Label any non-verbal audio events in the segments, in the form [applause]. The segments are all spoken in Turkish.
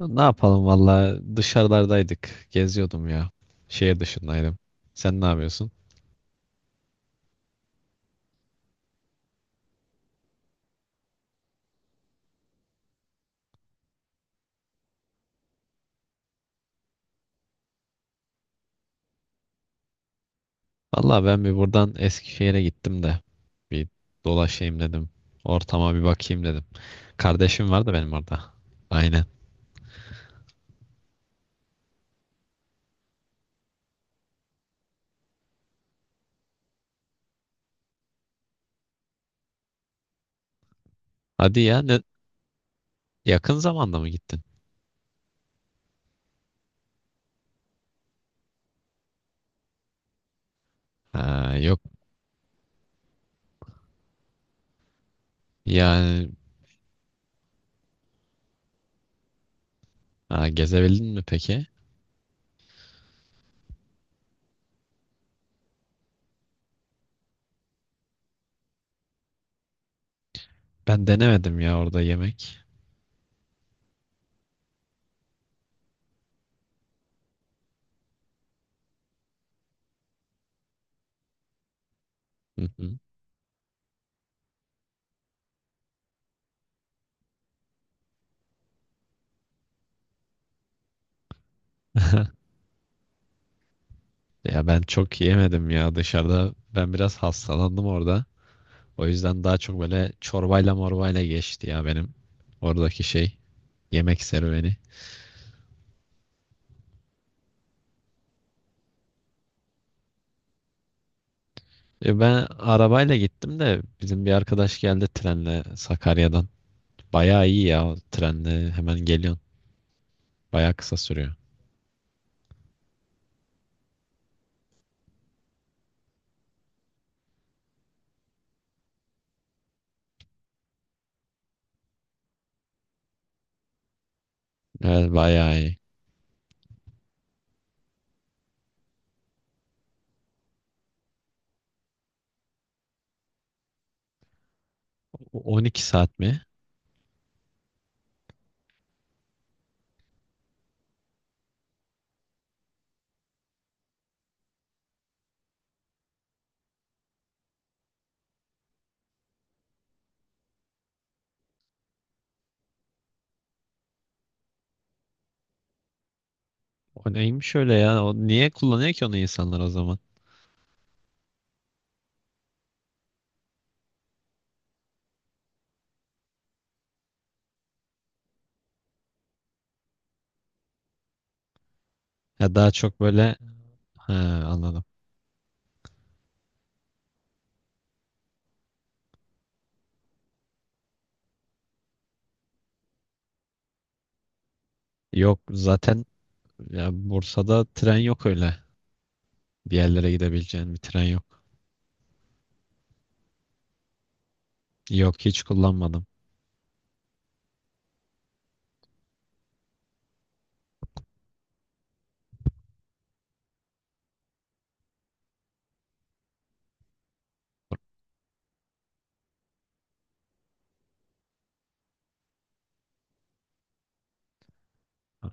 Ne yapalım valla dışarılardaydık. Geziyordum ya. Şehir dışındaydım. Sen ne yapıyorsun? Valla ben bir buradan Eskişehir'e gittim de. Bir dolaşayım dedim. Ortama bir bakayım dedim. Kardeşim var da benim orada. Aynen. Hadi ya ne- Yakın zamanda mı gittin? Ha, yok yani. Ha, Gezebildin mi peki? Ben denemedim ya orada yemek. Hı hı. [laughs] Ya ben çok yemedim ya dışarıda. Ben biraz hastalandım orada. O yüzden daha çok böyle çorbayla morbayla geçti ya benim oradaki şey yemek serüveni. E ben arabayla gittim de bizim bir arkadaş geldi trenle Sakarya'dan. Bayağı iyi ya o trenle hemen geliyorsun. Bayağı kısa sürüyor. Evet bayağı iyi. 12 saat mi? O neymiş öyle ya? O niye kullanıyor ki onu insanlar o zaman? Ya daha çok böyle ha, Anladım. Yok zaten ya Bursa'da tren yok öyle. Bir yerlere gidebileceğin bir tren yok. Yok hiç kullanmadım.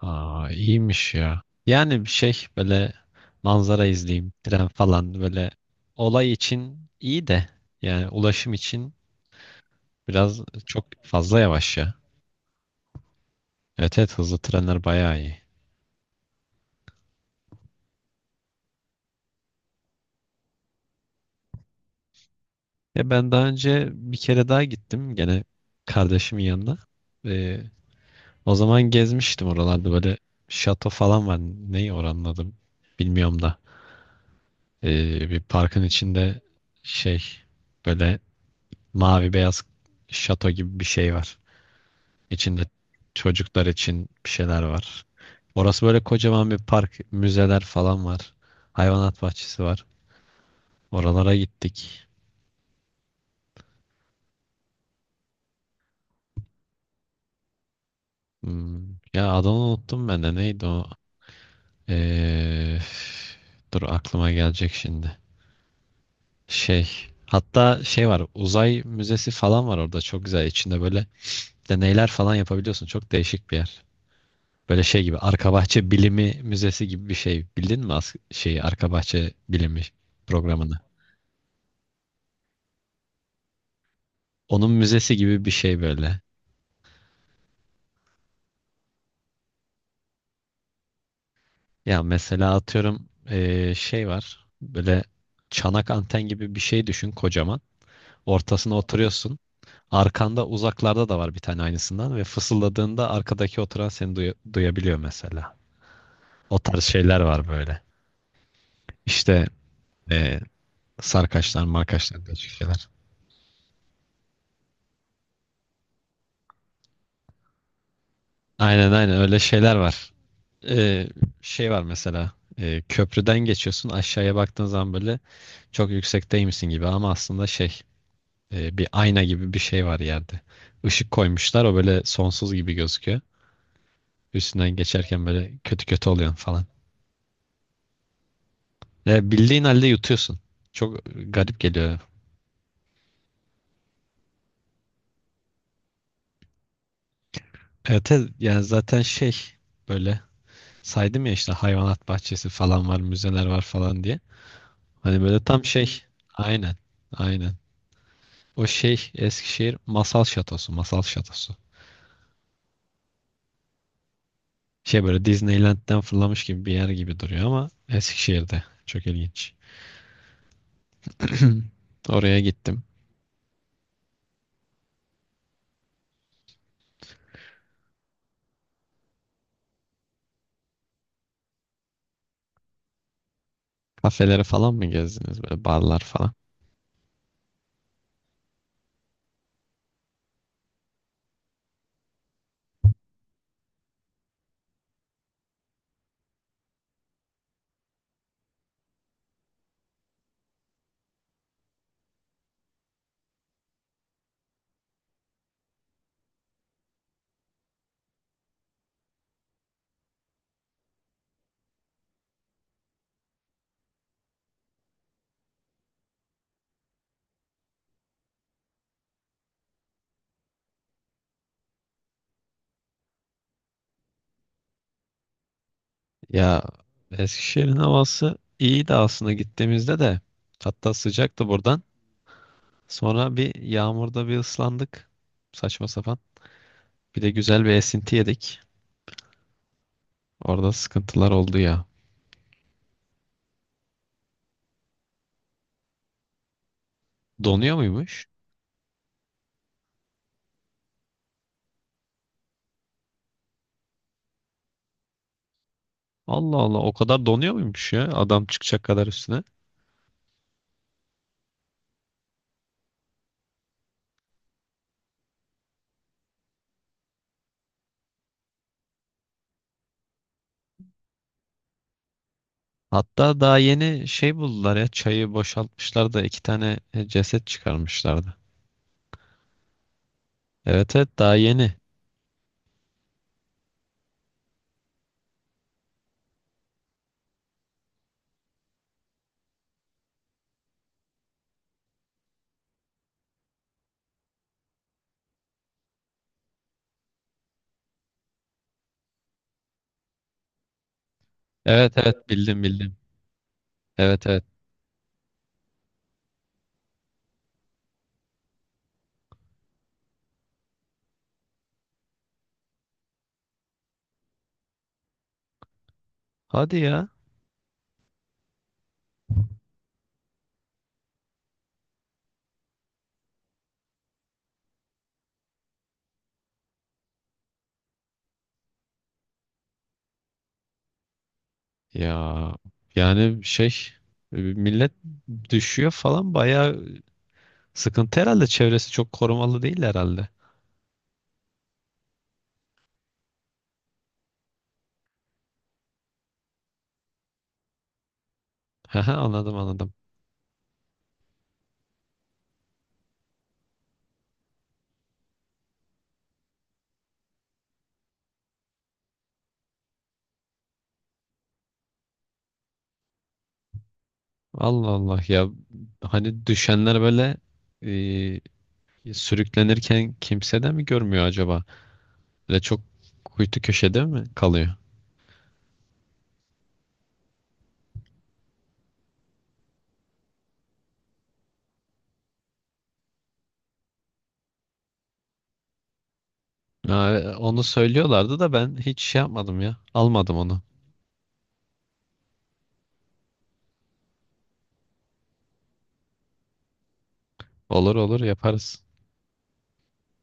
Aa, iyiymiş ya. Yani bir şey böyle manzara izleyeyim, tren falan böyle olay için iyi de yani ulaşım için biraz çok fazla yavaş ya. Evet evet hızlı trenler bayağı iyi. Ya ben daha önce bir kere daha gittim gene kardeşimin yanına. Ee, O zaman gezmiştim oralarda böyle şato falan var. Neyi oranın adı bilmiyorum da. Bir parkın içinde şey böyle mavi beyaz şato gibi bir şey var. İçinde çocuklar için bir şeyler var. Orası böyle kocaman bir park, müzeler falan var. Hayvanat bahçesi var. Oralara gittik. Hmm, ya adını unuttum ben de. Neydi o? Ee, Dur aklıma gelecek şimdi. Şey, hatta şey var. Uzay müzesi falan var orada. Çok güzel. İçinde böyle deneyler falan yapabiliyorsun. Çok değişik bir yer. Böyle şey gibi arka bahçe bilimi müzesi gibi bir şey. Bildin mi şeyi arka bahçe bilimi programını? Onun müzesi gibi bir şey böyle. Ya mesela atıyorum şey var. Böyle çanak anten gibi bir şey düşün kocaman. Ortasına oturuyorsun. Arkanda uzaklarda da var bir tane aynısından ve fısıldadığında arkadaki oturan seni duyabiliyor mesela. O tarz şeyler var böyle. İşte eee sarkaçlar, markaçlar diye şeyler. Aynen aynen öyle şeyler var. Eee, Şey var mesela. Köprüden geçiyorsun aşağıya baktığın zaman böyle çok yüksekteymişsin gibi ama aslında şey bir ayna gibi bir şey var yerde. Işık koymuşlar o böyle sonsuz gibi gözüküyor. Üstünden geçerken böyle kötü kötü oluyor falan. Ve bildiğin halde yutuyorsun. Çok garip geliyor. Evet, evet, yani zaten şey böyle saydım ya işte hayvanat bahçesi falan var, müzeler var falan diye. Hani böyle tam şey. Aynen. Aynen. O şey Eskişehir Masal Şatosu, Masal Şatosu. Şey böyle Disneyland'den fırlamış gibi bir yer gibi duruyor ama Eskişehir'de. Çok ilginç. [clears throat] Oraya gittim. Kafeleri falan mı gezdiniz böyle barlar falan? Ya Eskişehir'in havası iyiydi aslında gittiğimizde de. Hatta sıcaktı buradan. Sonra bir yağmurda bir ıslandık. Saçma sapan. Bir de güzel bir esinti yedik. Orada sıkıntılar oldu ya. Donuyor muymuş? Allah Allah, o kadar donuyor muymuş ya adam çıkacak kadar üstüne. Hatta daha yeni şey buldular ya çayı boşaltmışlar da iki tane ceset çıkarmışlardı. Evet evet daha yeni. Evet evet bildim bildim. Evet evet. Hadi ya. Ya yani şey millet düşüyor falan bayağı sıkıntı herhalde. Çevresi çok korumalı değil herhalde. [laughs] Haha, anladım anladım. Allah Allah ya, hani düşenler böyle sürüklenirken kimse de mi görmüyor acaba? Böyle çok kuytu köşede mi kalıyor? Ha, onu söylüyorlardı da ben hiç şey yapmadım ya. Almadım onu. Olur olur yaparız.